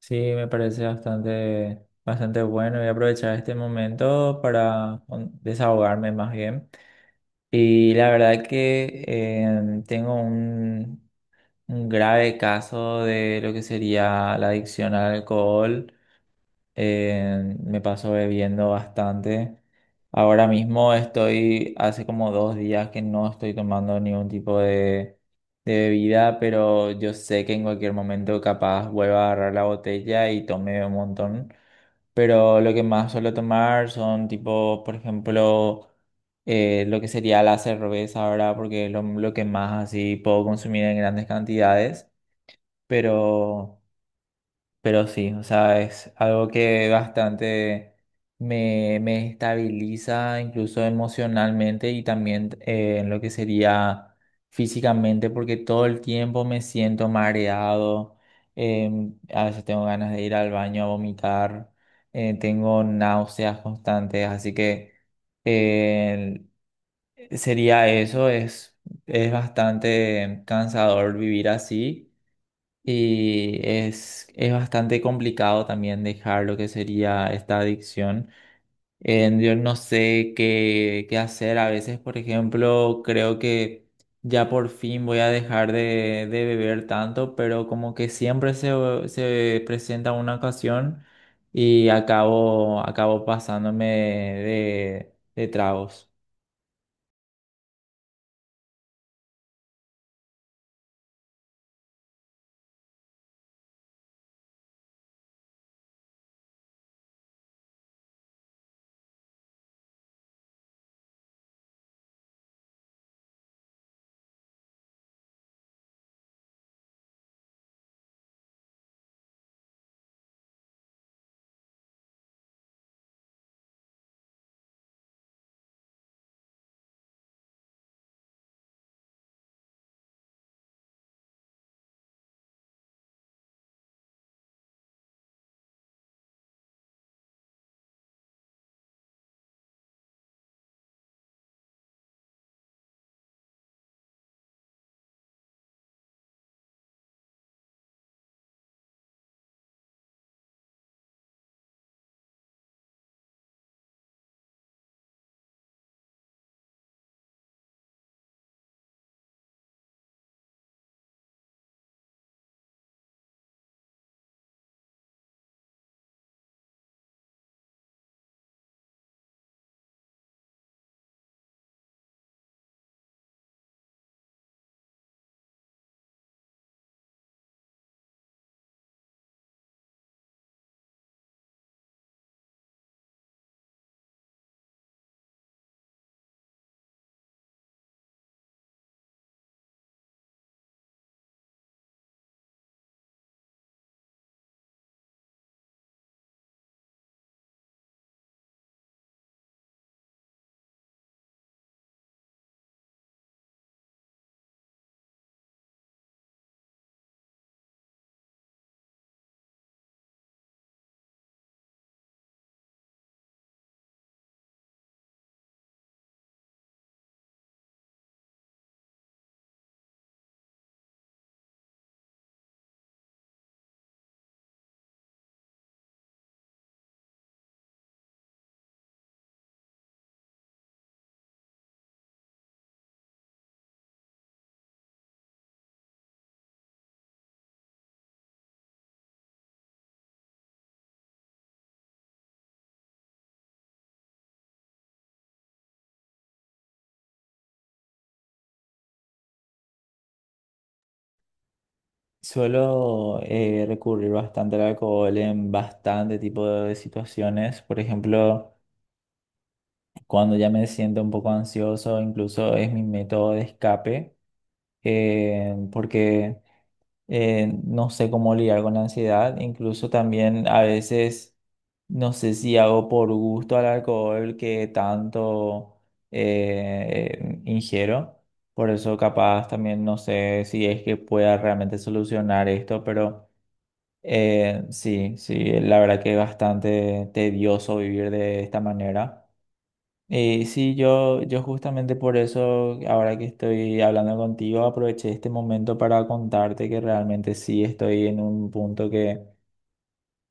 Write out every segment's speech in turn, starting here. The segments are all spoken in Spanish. Sí, me parece bastante bueno. Voy a aprovechar este momento para desahogarme más bien. Y la verdad que tengo un grave caso de lo que sería la adicción al alcohol. Me paso bebiendo bastante. Ahora mismo estoy, hace como dos días que no estoy tomando ningún de bebida, pero yo sé que en cualquier momento capaz vuelva a agarrar la botella y tome un montón. Pero lo que más suelo tomar son tipo, por ejemplo, lo que sería la cerveza ahora, porque es lo que más así puedo consumir en grandes cantidades. Pero... Pero sí, o sea, es algo que bastante me estabiliza incluso emocionalmente y también en lo que sería físicamente, porque todo el tiempo me siento mareado, eh, a veces tengo ganas de ir al baño a vomitar, tengo náuseas constantes, así que eh, sería eso, es bastante cansador vivir así. Y es bastante complicado también dejar lo que sería esta adicción. Yo no sé qué hacer. A veces, por ejemplo, creo que ya por fin voy a dejar de beber tanto, pero como que siempre se presenta una ocasión y acabo pasándome de tragos. Suelo recurrir bastante al alcohol en bastante tipo de situaciones. Por ejemplo, cuando ya me siento un poco ansioso, incluso es mi método de escape, porque no sé cómo lidiar con la ansiedad. Incluso también a veces, no sé si hago por gusto al alcohol que tanto ingiero. Por eso capaz también no sé si es que pueda realmente solucionar esto, pero sí, sí, la verdad que es bastante tedioso vivir de esta manera. Sí, yo justamente por eso, ahora que estoy hablando contigo, aproveché este momento para contarte que realmente sí estoy en un punto que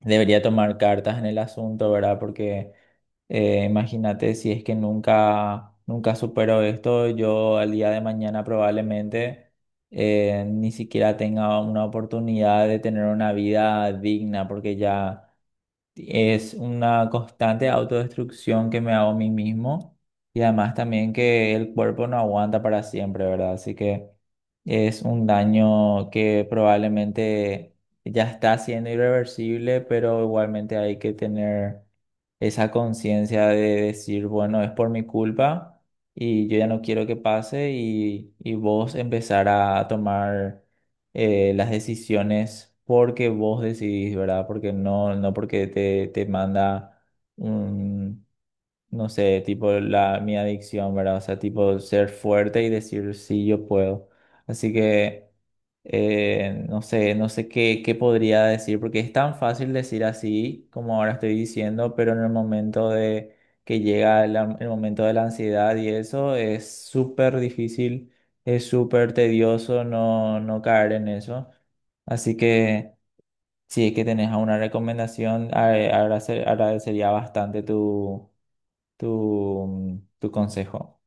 debería tomar cartas en el asunto, ¿verdad? Porque imagínate si es que nunca supero esto, yo al día de mañana probablemente ni siquiera tenga una oportunidad de tener una vida digna, porque ya... Es una constante autodestrucción que me hago a mí mismo y además también que el cuerpo no aguanta para siempre, ¿verdad? Así que es un daño que probablemente ya está siendo irreversible, pero igualmente hay que tener esa conciencia de decir, bueno, es por mi culpa y yo ya no quiero que pase y vos empezar a tomar las decisiones porque vos decidís, ¿verdad? Porque no, no porque te manda no sé, tipo mi adicción, ¿verdad? O sea, tipo ser fuerte y decir, sí, yo puedo. Así que, no sé, no sé qué podría decir, porque es tan fácil decir así como ahora estoy diciendo, pero en el momento de que llega el momento de la ansiedad y eso es súper difícil, es súper tedioso no caer en eso. Así que, si es que tenés alguna recomendación, agradecería bastante tu consejo.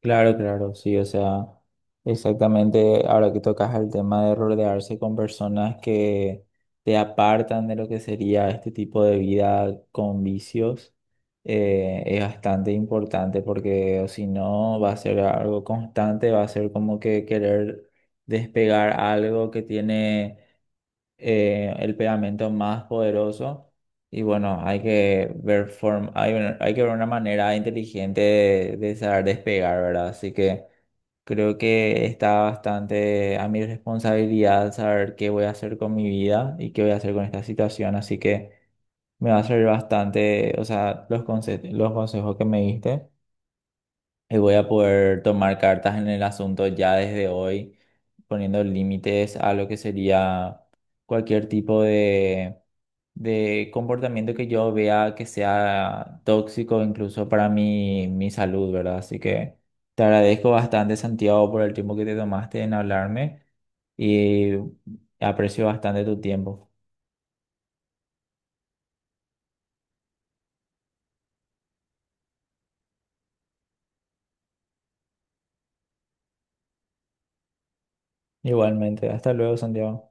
Claro, claro, sí, o sea, exactamente ahora que tocas el tema de rodearse con personas que te apartan de lo que sería este tipo de vida con vicios, es bastante importante porque o si no va a ser algo constante, va a ser como que querer despegar algo que tiene el pegamento más poderoso. Y bueno, hay que ver una manera inteligente de saber despegar, ¿verdad? Así que creo que está bastante a mi responsabilidad saber qué voy a hacer con mi vida y qué voy a hacer con esta situación. Así que me va a servir bastante, o sea, los los consejos que me diste. Y voy a poder tomar cartas en el asunto ya desde hoy, poniendo límites a lo que sería cualquier de comportamiento que yo vea que sea tóxico, incluso para mi salud, ¿verdad? Así que te agradezco bastante, Santiago, por el tiempo que te tomaste en hablarme y aprecio bastante tu tiempo. Igualmente, hasta luego, Santiago.